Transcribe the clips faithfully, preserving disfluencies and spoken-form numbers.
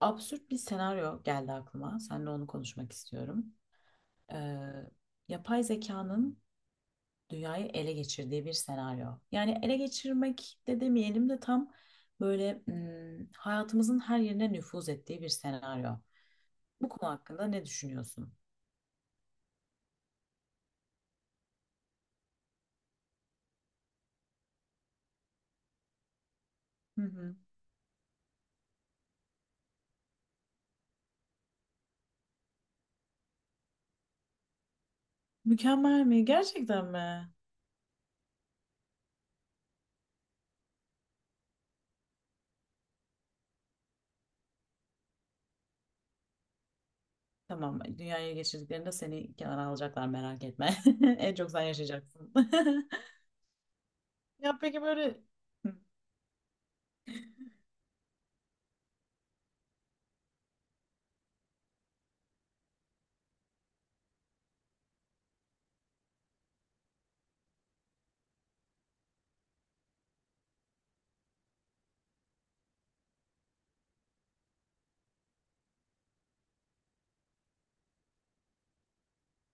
Absürt bir senaryo geldi aklıma. Seninle onu konuşmak istiyorum. Ee, yapay zekanın dünyayı ele geçirdiği bir senaryo. Yani ele geçirmek de demeyelim de tam böyle hmm, hayatımızın her yerine nüfuz ettiği bir senaryo. Bu konu hakkında ne düşünüyorsun? Hı hı. Mükemmel mi? Gerçekten mi? Tamam, dünyaya geçirdiklerinde seni kenara alacaklar merak etme. En çok sen yaşayacaksın. Ya peki böyle. Hı.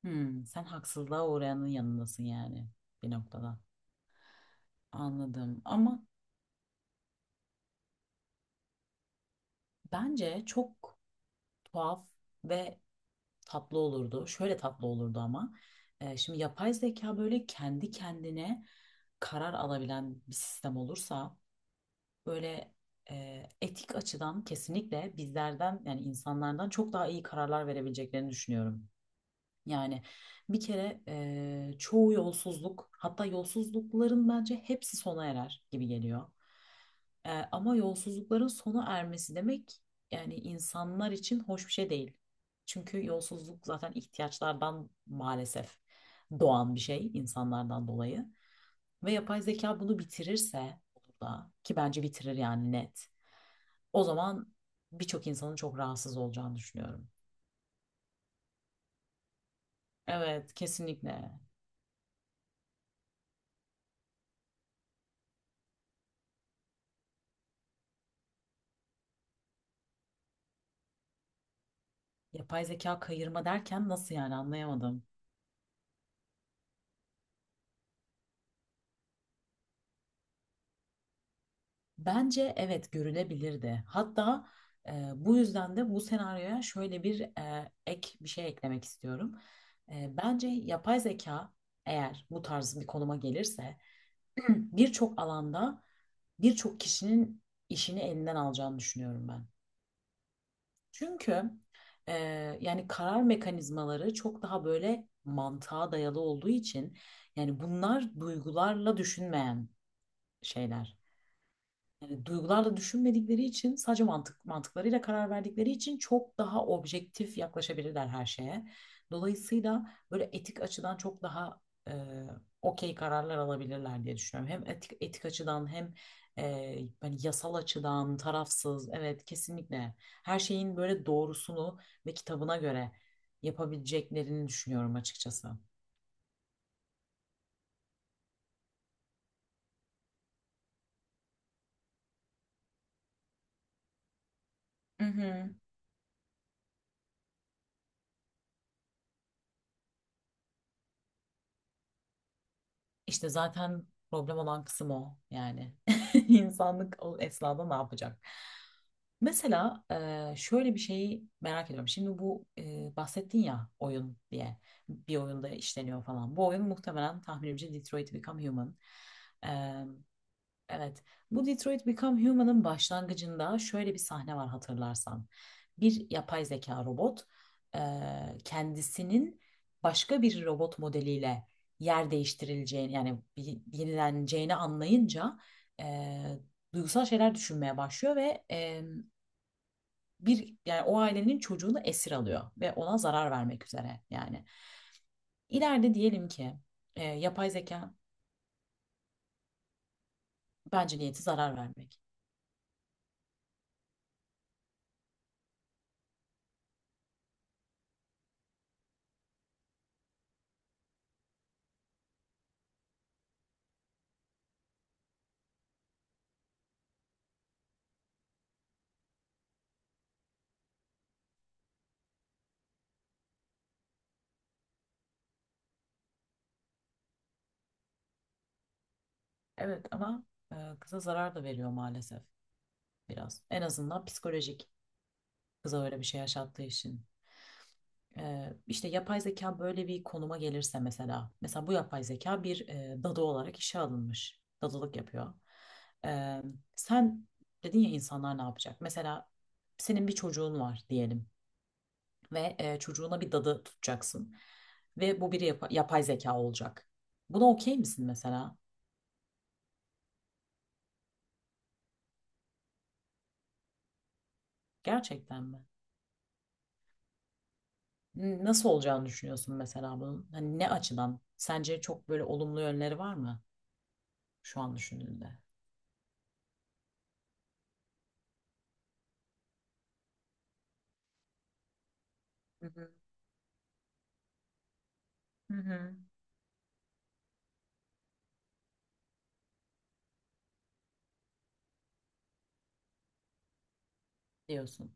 Hmm, sen haksızlığa uğrayanın yanındasın yani bir noktada. Anladım. Ama bence çok tuhaf ve tatlı olurdu. Şöyle tatlı olurdu ama. E, şimdi yapay zeka böyle kendi kendine karar alabilen bir sistem olursa böyle e, etik açıdan kesinlikle bizlerden yani insanlardan çok daha iyi kararlar verebileceklerini düşünüyorum. Yani bir kere eee, çoğu yolsuzluk hatta yolsuzlukların bence hepsi sona erer gibi geliyor. Eee, ama yolsuzlukların sona ermesi demek yani insanlar için hoş bir şey değil. Çünkü yolsuzluk zaten ihtiyaçlardan maalesef doğan bir şey insanlardan dolayı. Ve yapay zeka bunu bitirirse olur da ki bence bitirir yani net. O zaman birçok insanın çok rahatsız olacağını düşünüyorum. Evet kesinlikle. Yapay zeka kayırma derken nasıl yani anlayamadım. Bence evet görülebilirdi. Hatta e, bu yüzden de bu senaryoya şöyle bir e, ek bir şey eklemek istiyorum. E, bence yapay zeka eğer bu tarz bir konuma gelirse birçok alanda birçok kişinin işini elinden alacağını düşünüyorum ben. Çünkü e, yani karar mekanizmaları çok daha böyle mantığa dayalı olduğu için yani bunlar duygularla düşünmeyen şeyler. Yani duygularla düşünmedikleri için sadece mantık mantıklarıyla karar verdikleri için çok daha objektif yaklaşabilirler her şeye. Dolayısıyla böyle etik açıdan çok daha e, okey kararlar alabilirler diye düşünüyorum. Hem etik, etik açıdan hem e, hani yasal açıdan tarafsız. Evet kesinlikle her şeyin böyle doğrusunu ve kitabına göre yapabileceklerini düşünüyorum açıkçası. Mhm. İşte zaten problem olan kısım o yani. İnsanlık o esnada ne yapacak? Mesela e, şöyle bir şeyi merak ediyorum. Şimdi bu e, bahsettin ya oyun diye bir oyunda işleniyor falan. Bu oyun muhtemelen tahminimce Detroit Become Human. Evet. Bu Detroit Become Human'ın başlangıcında şöyle bir sahne var hatırlarsan. Bir yapay zeka robot eee, kendisinin başka bir robot modeliyle yer değiştirileceğini yani bir- yenileneceğini anlayınca eee, duygusal şeyler düşünmeye başlıyor ve eee, bir yani o ailenin çocuğunu esir alıyor ve ona zarar vermek üzere yani. İleride diyelim ki eee, yapay zeka bence niyeti zarar vermek. Evet ama e, kıza zarar da veriyor maalesef biraz. En azından psikolojik kıza öyle bir şey yaşattığı için. E, işte yapay zeka böyle bir konuma gelirse mesela. Mesela bu yapay zeka bir e, dadı olarak işe alınmış. Dadılık yapıyor. E, Sen dedin ya insanlar ne yapacak? Mesela senin bir çocuğun var diyelim ve e, çocuğuna bir dadı tutacaksın. Ve bu bir yapa- yapay zeka olacak. Buna okey misin mesela? Gerçekten mi? Nasıl olacağını düşünüyorsun mesela bunun? Hani ne açıdan? Sence çok böyle olumlu yönleri var mı şu an düşündüğünde? Hı hı. Hı hı. Diyorsun.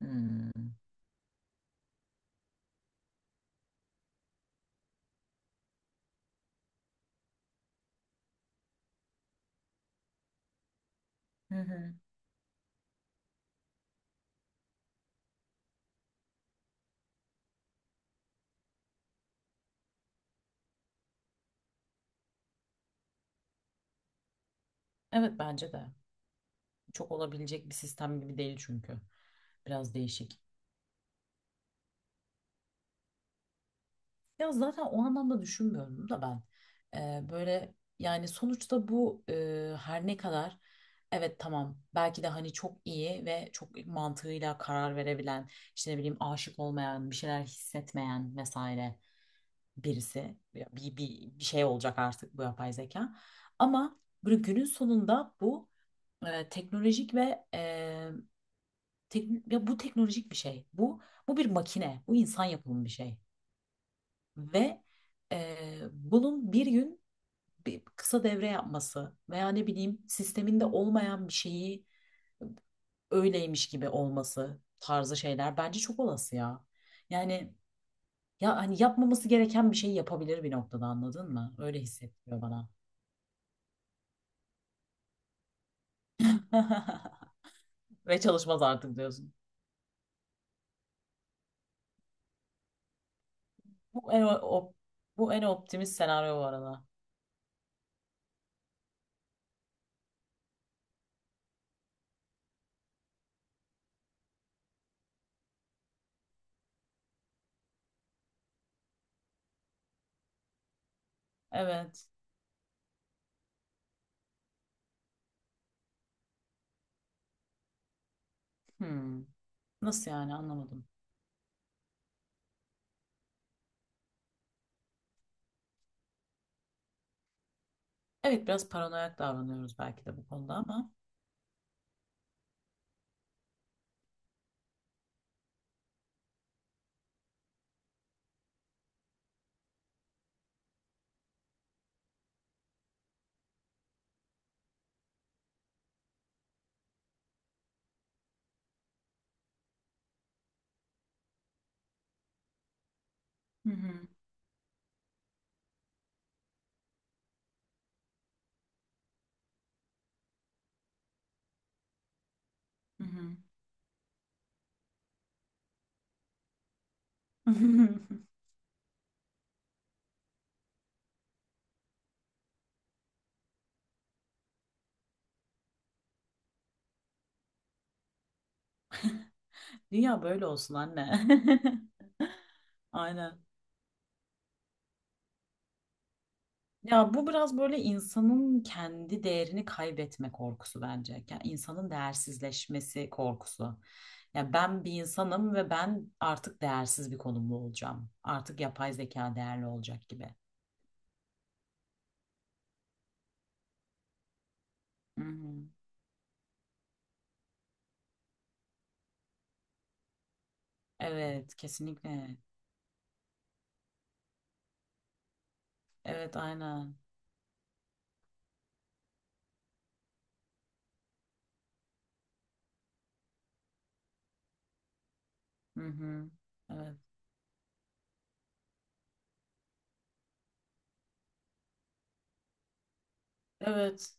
Hmm. Hı hı. Evet bence de. Çok olabilecek bir sistem gibi değil çünkü. Biraz değişik. Ya zaten o anlamda düşünmüyorum da ben. Ee, böyle yani sonuçta bu e, her ne kadar evet tamam belki de hani çok iyi ve çok mantığıyla karar verebilen işte ne bileyim aşık olmayan bir şeyler hissetmeyen vesaire birisi. Ya Bir, bir, bir şey olacak artık bu yapay zeka. Ama böyle günün sonunda bu e, teknolojik ve e, tek- ya bu teknolojik bir şey. Bu bu bir makine. Bu insan yapımı bir şey. Ve e, bunun bir gün bir kısa devre yapması veya ne bileyim sisteminde olmayan bir şeyi öyleymiş gibi olması tarzı şeyler bence çok olası ya. Yani ya hani yapmaması gereken bir şey yapabilir bir noktada anladın mı? Öyle hissettiriyor bana. Ve çalışmaz artık diyorsun. Bu en, op- Bu en optimist senaryo bu arada. Evet. Hmm. Nasıl yani anlamadım. Evet biraz paranoyak davranıyoruz belki de bu konuda ama. Hı hı, hı hı. Dünya böyle olsun anne. Aynen. Ya bu biraz böyle insanın kendi değerini kaybetme korkusu bence. Yani insanın değersizleşmesi korkusu. Ya ben bir insanım ve ben artık değersiz bir konumda olacağım. Artık yapay zeka değerli olacak gibi. Hı hı. Evet, kesinlikle. Evet, aynen. Hı hı. Evet. Evet,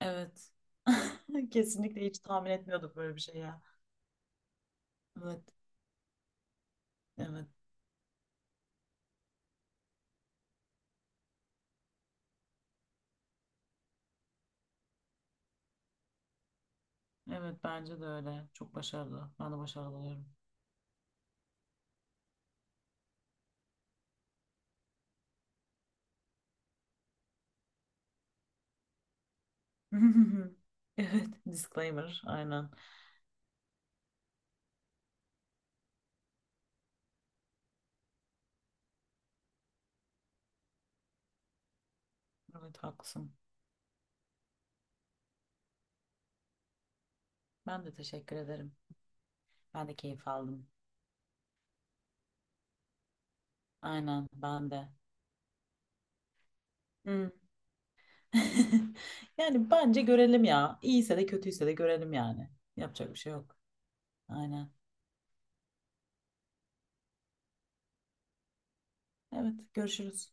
evet. Kesinlikle hiç tahmin etmiyorduk böyle bir şey ya. Evet, evet. Evet, bence de öyle. Çok başarılı. Ben de başarılı oluyorum. Evet, disclaimer, aynen. Evet, haklısın. Ben de teşekkür ederim. Ben de keyif aldım. Aynen, ben de. Hmm. Yani bence görelim ya. İyiyse de kötüyse de görelim yani. Yapacak bir şey yok. Aynen. Evet, görüşürüz.